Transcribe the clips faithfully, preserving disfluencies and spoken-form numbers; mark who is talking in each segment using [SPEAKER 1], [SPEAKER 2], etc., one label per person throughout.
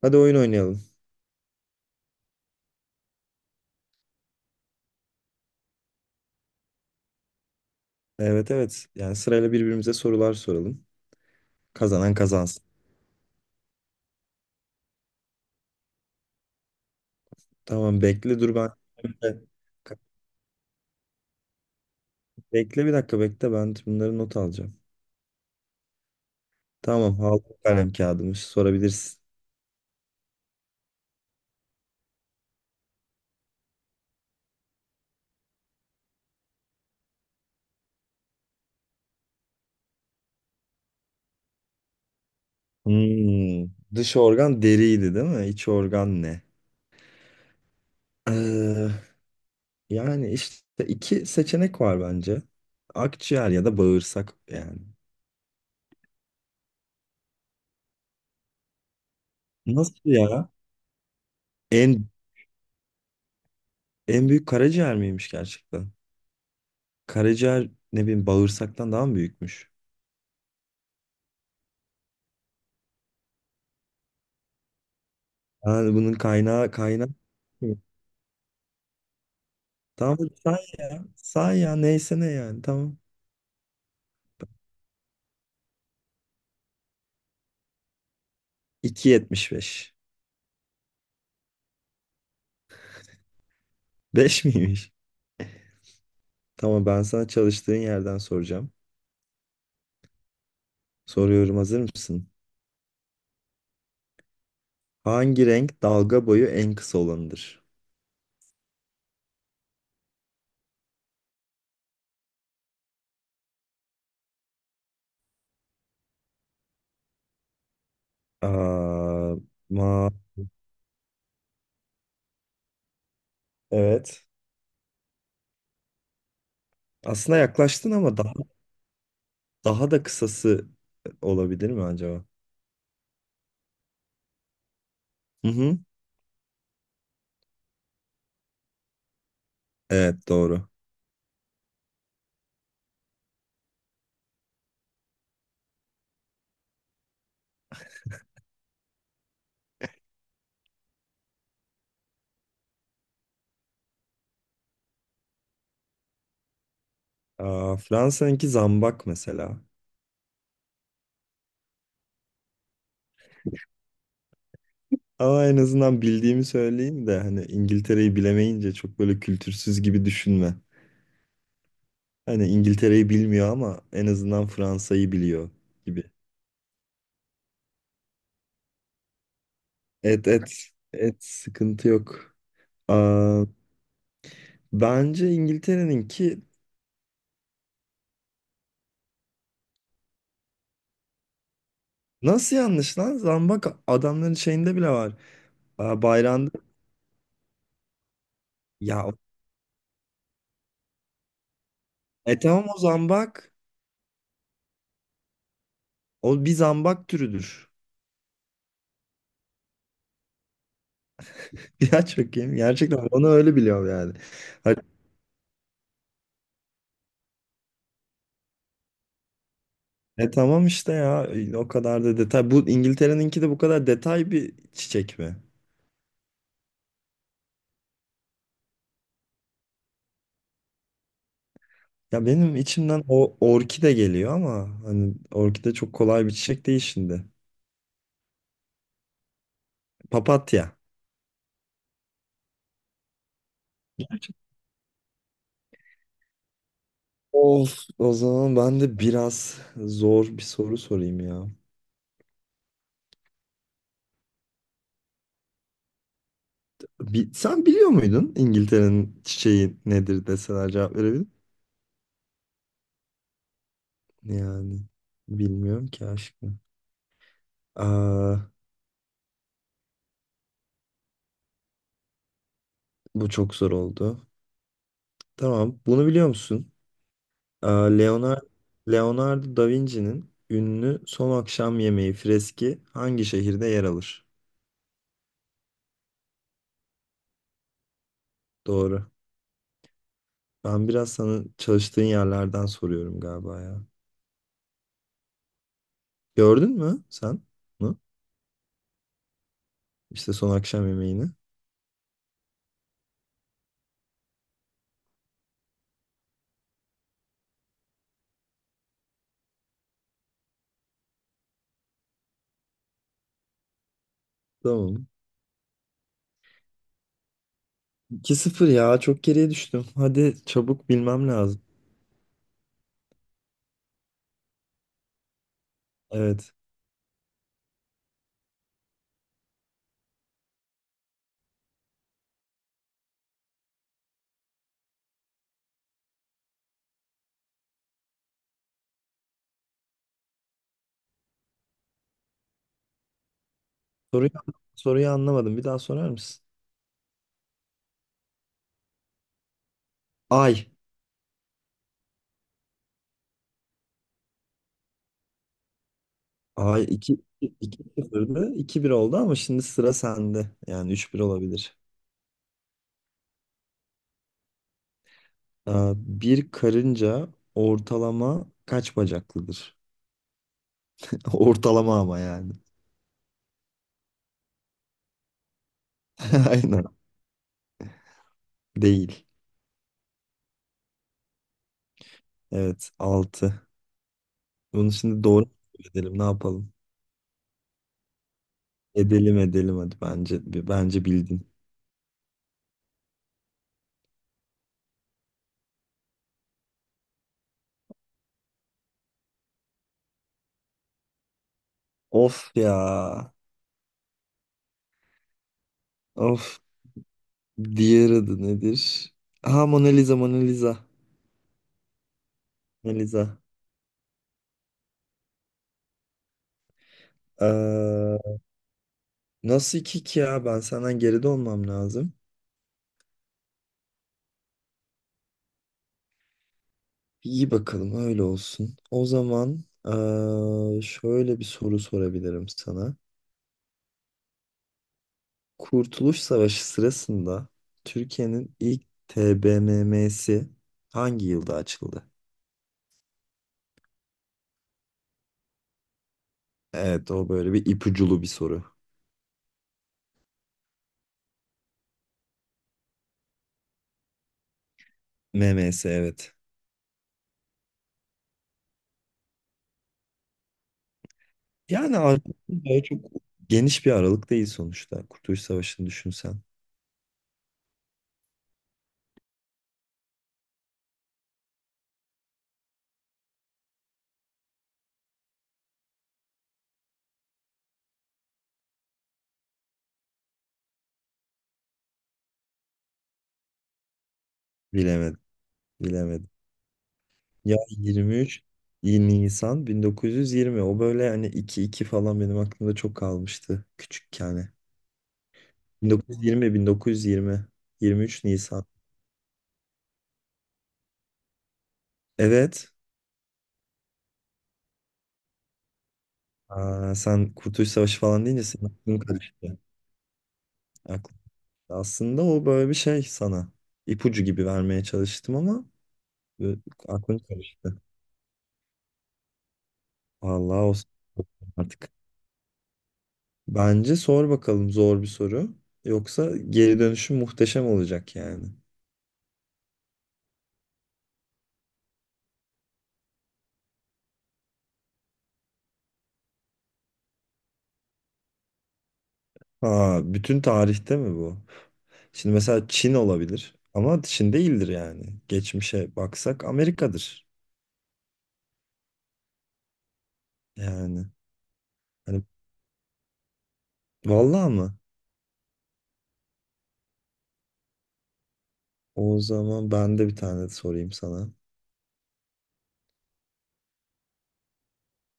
[SPEAKER 1] Hadi oyun oynayalım. Evet evet. Yani sırayla birbirimize sorular soralım. Kazanan kazansın. Tamam bekle dur ben. Bekle bir dakika bekle ben bunları not alacağım. Tamam aldım kalem kağıdımı sorabilirsin. Hmm, Dış organ deriydi değil mi? İç organ ne? Ee, Yani işte iki seçenek var bence. Akciğer ya da bağırsak yani. Nasıl ya? En en büyük karaciğer miymiş gerçekten? Karaciğer ne bileyim bağırsaktan daha mı büyükmüş? Yani bunun kaynağı kaynağı. Hı. Tamam say ya. Say ya neyse ne yani tamam. iki yetmiş beş. Beş miymiş? Tamam ben sana çalıştığın yerden soracağım. Soruyorum, hazır mısın? Hangi renk dalga boyu en kısa olanıdır? Aa, ma evet. Aslında yaklaştın ama daha daha da kısası olabilir mi acaba? Hı hı. Evet, doğru. Aa, Fransa'nınki zambak mesela. Ama en azından bildiğimi söyleyeyim de hani İngiltere'yi bilemeyince çok böyle kültürsüz gibi düşünme. Hani İngiltere'yi bilmiyor ama en azından Fransa'yı biliyor gibi. Et et et, sıkıntı yok. Aa, bence İngiltere'ninki nasıl yanlış lan? Zambak adamların şeyinde bile var. Aa, bayrağında. Ya, e tamam o zambak. O bir zambak türüdür. Ya, çok iyi. Gerçekten onu öyle biliyorum yani. Hani. E tamam işte ya, o kadar da detay. Bu İngiltere'ninki de bu kadar detay bir çiçek mi? Ya benim içimden o orkide geliyor ama hani orkide çok kolay bir çiçek değil şimdi. Papatya. Of, o zaman ben de biraz zor bir soru sorayım ya. Bi- sen biliyor muydun İngiltere'nin çiçeği nedir deseler cevap verebilir misin? Yani bilmiyorum ki aşkım. Aa, bu çok zor oldu. Tamam, bunu biliyor musun? Aa, Leonardo, Leonardo da Vinci'nin ünlü Son Akşam Yemeği freski hangi şehirde yer alır? Doğru. Ben biraz sana çalıştığın yerlerden soruyorum galiba ya. Gördün mü sen bunu? İşte Son Akşam Yemeği'ni. Tamam. iki sıfır ya, çok geriye düştüm. Hadi çabuk bilmem lazım. Evet. Soruyu, soruyu anlamadım. Bir daha sorar mısın? Ay. Ay, 2 iki sıfırdı, iki bir oldu ama şimdi sıra sende. Yani üç bir olabilir. Aa, bir karınca ortalama kaç bacaklıdır? Ortalama ama yani. Aynen. Değil. Evet, altı. Bunu şimdi doğru mu edelim ne yapalım? Edelim edelim hadi, bence bence bildin. Of ya. Of. Diğer adı nedir? Ha, Mona Lisa Mona Lisa. Mona Lisa. Ee, Nasıl iki ki ya? Ben senden geride olmam lazım. İyi bakalım öyle olsun. O zaman eee, şöyle bir soru sorabilirim sana. Kurtuluş Savaşı sırasında Türkiye'nin ilk T B M M'si hangi yılda açıldı? Evet o böyle bir ipuculu bir soru. M M S, evet. Yani artık böyle çok geniş bir aralık değil sonuçta. Kurtuluş Savaşı'nı düşünsen. Bilemedim, bilemedim. Ya, yirmi üç Nisan bin dokuz yüz yirmi, o böyle hani iki iki falan benim aklımda çok kalmıştı küçükken. bin dokuz yüz yirmi, bin dokuz yüz yirmi. yirmi üç Nisan. Evet. Aa, sen Kurtuluş Savaşı falan deyince senin aklın karıştı. Aklın- Aslında o böyle bir şey sana. İpucu gibi vermeye çalıştım ama e, aklın karıştı. Vallahi o artık. Bence sor bakalım zor bir soru. Yoksa geri dönüşüm muhteşem olacak yani. Ha, bütün tarihte mi bu? Şimdi mesela Çin olabilir ama Çin değildir yani. Geçmişe baksak Amerika'dır. Yani hani, vallahi mı? O zaman ben de bir tane sorayım sana.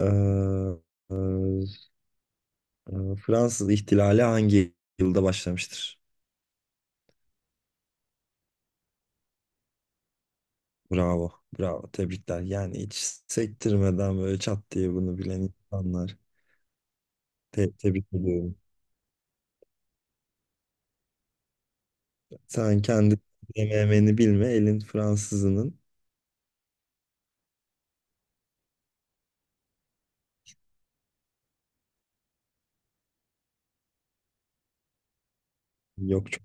[SPEAKER 1] Ee, e, e, Fransız ihtilali hangi yılda başlamıştır? Bravo, bravo. Tebrikler. Yani hiç sektirmeden böyle çat diye bunu bilen insanlar. Te- tebrik ediyorum. Sen kendi M M'ni bilme, elin Fransızının yok çok,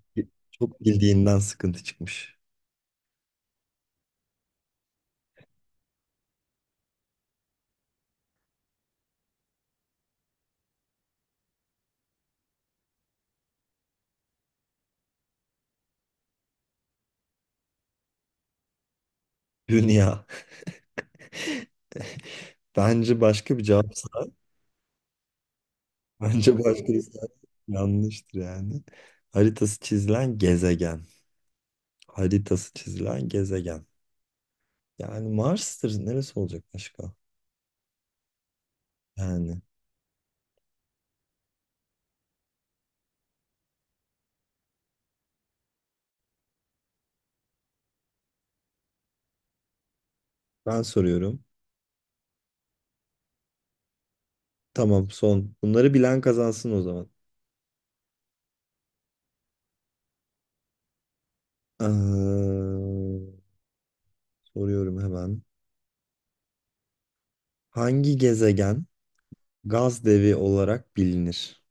[SPEAKER 1] çok bildiğinden sıkıntı çıkmış. Dünya. Bence başka bir cevapsa, bence başka bir cevap yanlıştır yani. Haritası çizilen gezegen. Haritası çizilen gezegen. Yani Mars'tır. Neresi olacak başka? Yani ben soruyorum. Tamam, son. Bunları bilen kazansın o zaman. Ee, Soruyorum hemen. Hangi gezegen gaz devi olarak bilinir?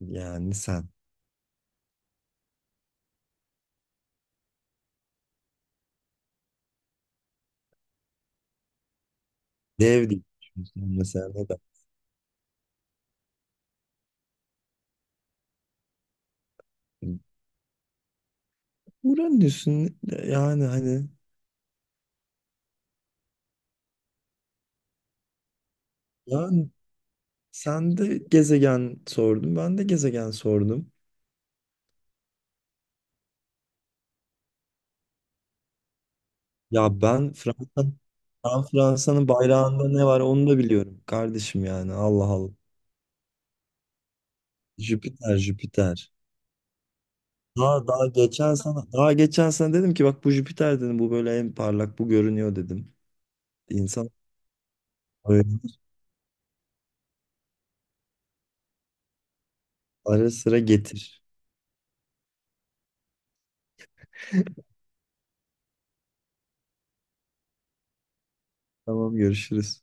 [SPEAKER 1] Yani sen. Dev diye düşünüyorsun mesela ne der? Uranüs'ün yani hani yani sen de gezegen sordun ben de gezegen sordum. Ya ben Fransa'nın ben Fransa'nın bayrağında ne var onu da biliyorum kardeşim yani, Allah Allah. Jüpiter, Jüpiter. Daha daha geçen sana daha geçen sana dedim ki bak bu Jüpiter dedim, bu böyle en parlak bu görünüyor dedim. İnsan böyle ara sıra getir. Tamam, görüşürüz.